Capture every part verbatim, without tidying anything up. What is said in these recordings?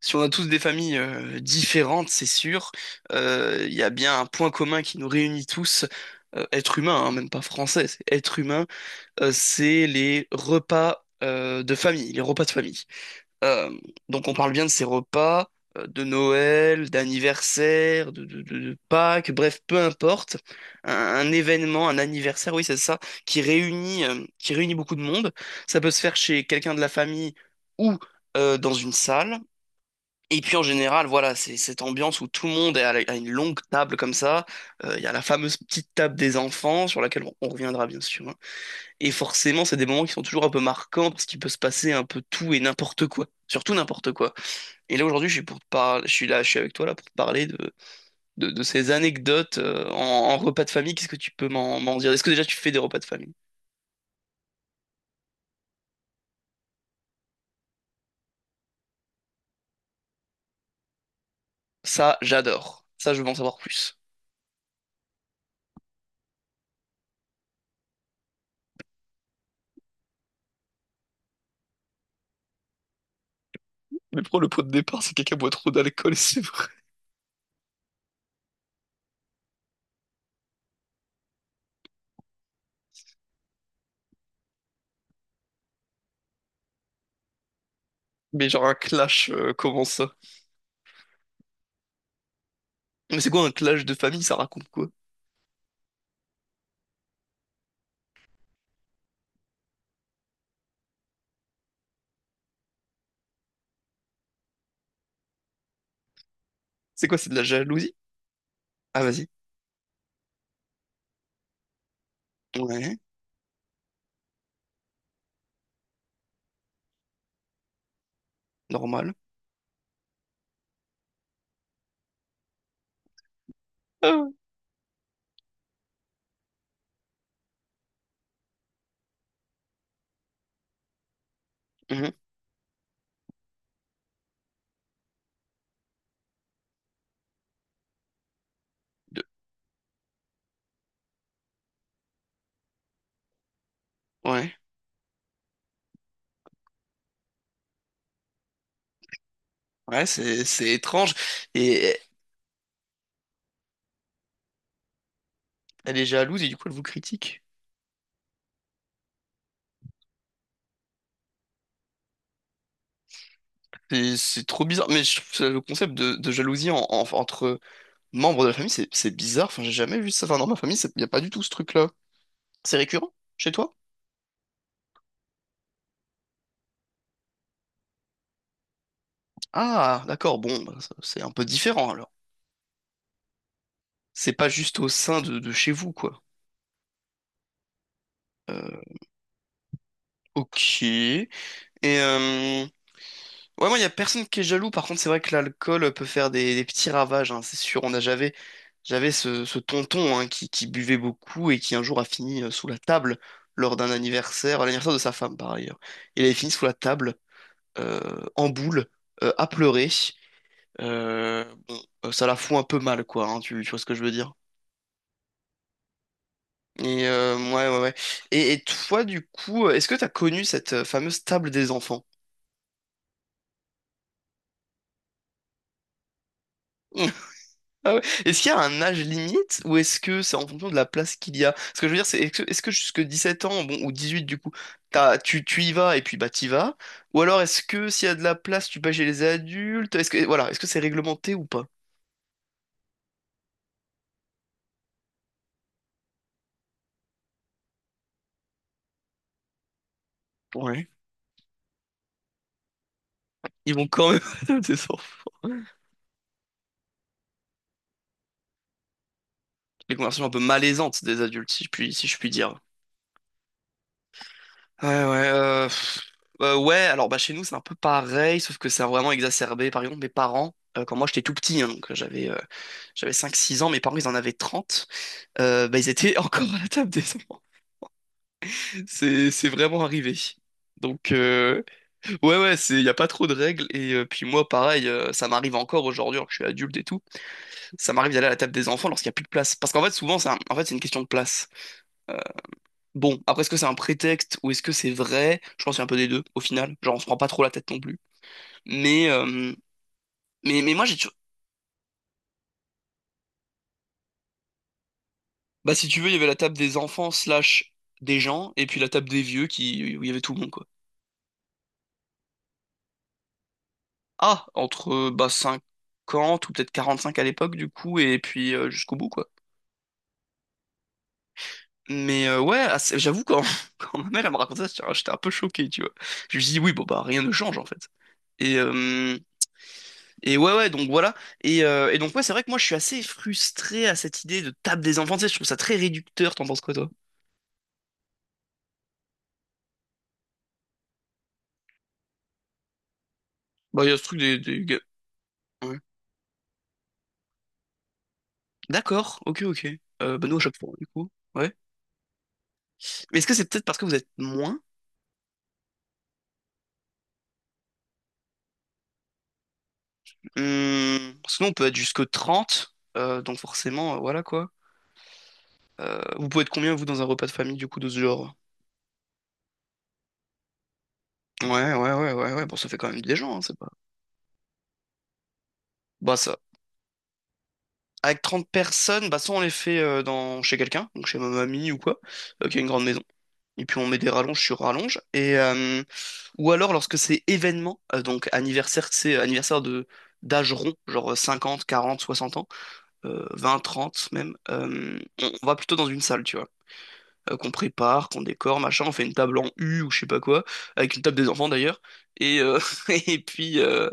Si on a tous des familles euh, différentes, c'est sûr, euh, il y a bien un point commun qui nous réunit tous, euh, être humain, hein, même pas français, c'est être humain, euh, c'est les repas euh, de famille, les repas de famille. Euh, donc on parle bien de ces repas euh, de Noël, d'anniversaire, de, de- de- de Pâques, bref, peu importe, un, un événement, un anniversaire, oui, c'est ça, qui réunit, euh, qui réunit beaucoup de monde. Ça peut se faire chez quelqu'un de la famille ou euh, dans une salle. Et puis en général, voilà, c'est cette ambiance où tout le monde est à, la- à une longue table comme ça. Euh, Il y a la fameuse petite table des enfants sur laquelle on, on reviendra bien sûr, hein. Et forcément, c'est des moments qui sont toujours un peu marquants parce qu'il peut se passer un peu tout et n'importe quoi, surtout n'importe quoi. Et là aujourd'hui, je suis pour te parler, je suis là, je suis avec toi là pour te parler de de, de ces anecdotes euh, en, en repas de famille. Qu'est-ce que tu peux m'en m'en dire? Est-ce que déjà tu fais des repas de famille? Ça, j'adore. Ça, je veux en savoir plus. Mais pourquoi le pot de départ, c'est quelqu'un boit trop d'alcool et c'est vrai. Mais genre un clash, euh, comment ça? Mais c'est quoi un clash de famille, ça raconte quoi? C'est quoi, c'est de la jalousie? Ah, vas-y. Ouais, normal. Ah, mhm. De- Ouais, ouais, c'est c'est étrange. Et elle est jalouse et du coup elle vous critique. C'est c'est trop bizarre. Mais je trouve ça, le concept de, de jalousie en- en- entre membres de la famille, c'est c'est bizarre. Enfin, j'ai jamais vu ça. Enfin, dans ma famille, il n'y a pas du tout ce truc-là. C'est récurrent chez toi? Ah, d'accord, bon, bah, ça, c'est un peu différent alors. C'est pas juste au sein de, de chez vous, quoi. Euh, ok. Et euh, ouais, moi, il y a personne qui est jaloux. Par contre, c'est vrai que l'alcool peut faire des, des petits ravages, hein, c'est sûr. On a, j'avais, j'avais ce, ce tonton hein, qui, qui buvait beaucoup et qui un jour a fini euh, sous la table lors d'un anniversaire, à l'anniversaire de sa femme par ailleurs. Il avait fini sous la table, euh, en boule, euh, à pleurer. Euh, bon, euh, ça la fout un peu mal, quoi. Hein, tu, tu vois ce que je veux dire? Et euh, ouais, ouais, ouais. Et, et toi, du coup, est-ce que t'as connu cette euh, fameuse table des enfants? Ah ouais. Est-ce qu'il y a un âge limite ou est-ce que c'est en fonction de la place qu'il y a? Ce que je veux dire, c'est est-ce que, est-ce que jusque dix-sept ans, bon, ou dix-huit du coup, t'as, tu, tu y vas et puis bah t'y vas? Ou alors est-ce que s'il y a de la place, tu vas chez les adultes? Est-ce que voilà, est-ce que c'est réglementé ou pas? Ouais. Ils vont quand même adopter des enfants. Les conversations un peu malaisantes des adultes, si je puis, si je puis dire. Ouais, ouais, euh, pff, euh, ouais, alors bah chez nous c'est un peu pareil, sauf que c'est vraiment exacerbé. Par exemple, mes parents, euh, quand moi j'étais tout petit, hein, donc euh, j'avais euh, j'avais cinq six ans, mes parents ils en avaient trente. euh, bah, ils étaient encore à la table des enfants. C'est, c'est vraiment arrivé. Donc, euh, ouais, ouais, c'est, y a pas trop de règles. Et euh, puis moi, pareil, euh, ça m'arrive encore aujourd'hui, alors que je suis adulte et tout, ça m'arrive d'aller à la table des enfants lorsqu'il n'y a plus de place. Parce qu'en fait, souvent, c'est un- en fait, c'est une question de place. Euh, bon, après, est-ce que c'est un prétexte ou est-ce que c'est vrai? Je pense qu'il y a un peu des deux, au final. Genre, on se prend pas trop la tête non plus. Mais, euh, mais, mais moi, j'ai toujours... Bah, si tu veux, il y avait la table des enfants slash des gens, et puis la table des vieux qui... où il y avait tout le monde, quoi. Ah, entre euh, bah, cinquante ou peut-être quarante-cinq à l'époque, du coup, et puis euh, jusqu'au bout, quoi. Mais euh, ouais, ah, c'est, j'avoue, quand, quand ma mère elle me racontait ça, j'étais j'étais un peu choqué, tu vois. Je lui dis, oui, bon, bah, rien ne change, en fait. Et, euh, et ouais, ouais, donc voilà. Et, euh, et donc, ouais, c'est vrai que moi, je suis assez frustré à cette idée de table des enfants, tu sais, je trouve ça très réducteur, t'en penses quoi, toi? Bah, il y a ce truc des, des... ga- Ouais. D'accord, ok, ok. Euh, bah, nous, à chaque fois, du coup. Ouais. Mais est-ce que c'est peut-être parce que vous êtes moins? Hum, parce on peut être jusque trente euh, donc forcément, euh, voilà quoi. Euh, vous pouvez être combien, vous, dans un repas de famille, du coup, de ce genre? Ouais, ouais, ouais, ouais, ouais, bon, ça fait quand même des gens, hein, c'est pas... Bah, ça... Avec trente personnes, bah, soit on les fait euh, dans... chez quelqu'un, donc chez ma mamie ou quoi, euh, qui a une grande maison. Et puis on met des rallonges sur rallonges. Et, euh, Ou alors, lorsque c'est événement, euh, donc anniversaire, c'est anniversaire de d'âge rond, genre cinquante quarante soixante ans, euh, vingt, trente même, euh, on on va plutôt dans une salle, tu vois. euh, qu'on prépare, qu'on décore, machin, on fait une table en U ou je sais pas quoi, avec une table des enfants d'ailleurs. Et, euh, et puis euh,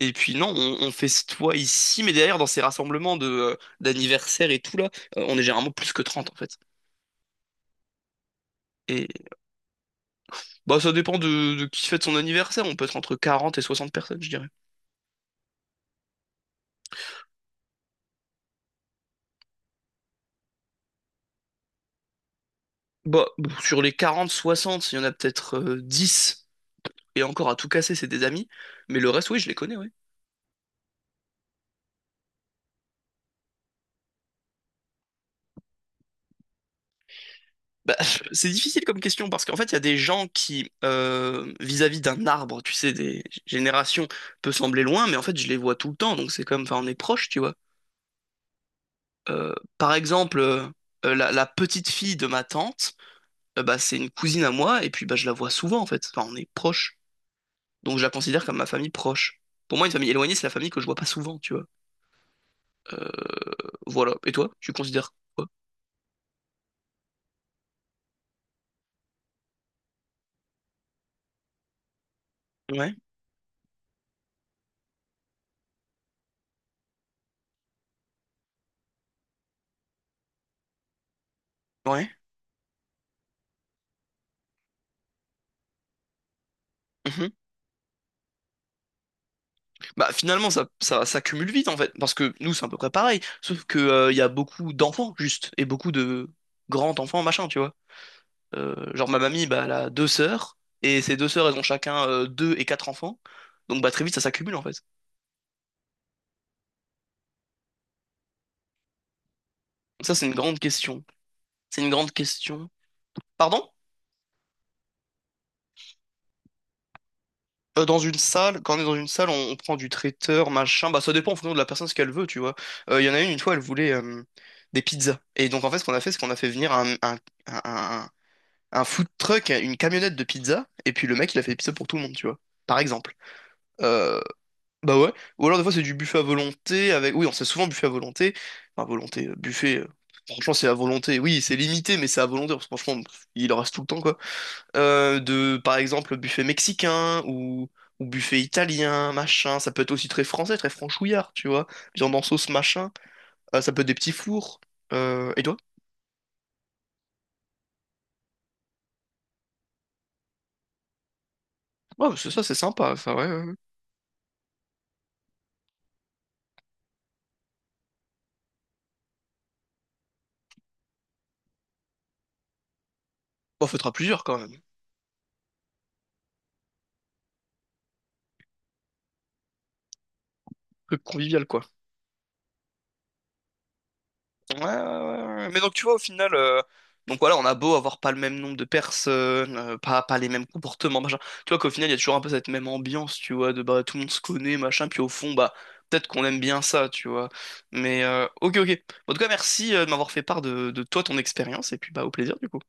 et puis non, on, on festoie ici, mais derrière dans ces rassemblements de euh, d'anniversaire et tout là, euh, on est généralement plus que trente en fait. Et bah ça dépend de, de qui fête son anniversaire, on peut être entre quarante et soixante personnes, je dirais. Bah sur les quarante soixante, il y en a peut-être euh, dix et encore à tout casser, c'est des amis, mais le reste oui, je les connais, ouais. Bah, c'est difficile comme question parce qu'en fait, il y a des gens qui, euh, vis-à-vis d'un arbre, tu sais, des générations, peut sembler loin, mais en fait, je les vois tout le temps, donc c'est comme, enfin, on est proche, tu vois. Euh, par exemple, euh, euh, la, la petite fille de ma tante, euh, bah, c'est une cousine à moi, et puis bah, je la vois souvent, en fait. Enfin, on est proche, donc je la considère comme ma famille proche. Pour moi, une famille éloignée, c'est la famille que je vois pas souvent, tu vois. Euh, voilà. Et toi, tu considères quoi? Ouais, ouais. Bah finalement ça ça ça cumule vite en fait parce que nous c'est à peu près pareil sauf que euh, il y a beaucoup d'enfants juste et beaucoup de grands enfants machin tu vois. Euh, genre ma mamie bah elle a deux sœurs et ces deux sœurs elles ont chacun euh, deux et quatre enfants donc bah très vite ça s'accumule en fait. Donc ça c'est une grande question, c'est une grande question, pardon. Euh, dans une salle quand on est dans une salle on, on prend du traiteur machin bah ça dépend en fonction de la personne ce qu'elle veut tu vois. Euh, il y en a une une fois elle voulait euh, des pizzas et donc en fait ce qu'on a fait c'est qu'on a fait venir un, un, un un food truck, une camionnette de pizza, et puis le mec, il a fait des pizzas pour tout le monde, tu vois. Par exemple. Euh, Bah ouais. Ou alors, des fois, c'est du buffet à volonté avec. Oui, on sait souvent buffet à volonté. Enfin, volonté, euh, buffet. euh, Franchement, c'est à volonté. Oui, c'est limité, mais c'est à volonté. Parce que franchement, pff, il en reste tout le temps, quoi. Euh, de, par exemple, buffet mexicain ou, ou buffet italien, machin. Ça peut être aussi très français, très franchouillard, tu vois. Viande en sauce, machin. Euh, ça peut être des petits fours. Euh, et toi? Ouais, c'est ça, c'est sympa. Ça, ouais, ouais, ouais. Bon, fera plusieurs quand même. Truc convivial, quoi. Ouais, ouais, ouais, ouais. Mais donc tu vois au final, euh, donc voilà, on a beau avoir pas le même nombre de personnes, euh, pas, pas les mêmes comportements, machin. Tu vois qu'au final, il y a toujours un peu cette même ambiance, tu vois, de bah tout le monde se connaît, machin, puis au fond, bah peut-être qu'on aime bien ça, tu vois. Mais euh, ok, ok. Bon, en tout cas, merci euh, de m'avoir fait part de, de toi, ton expérience, et puis bah au plaisir du coup.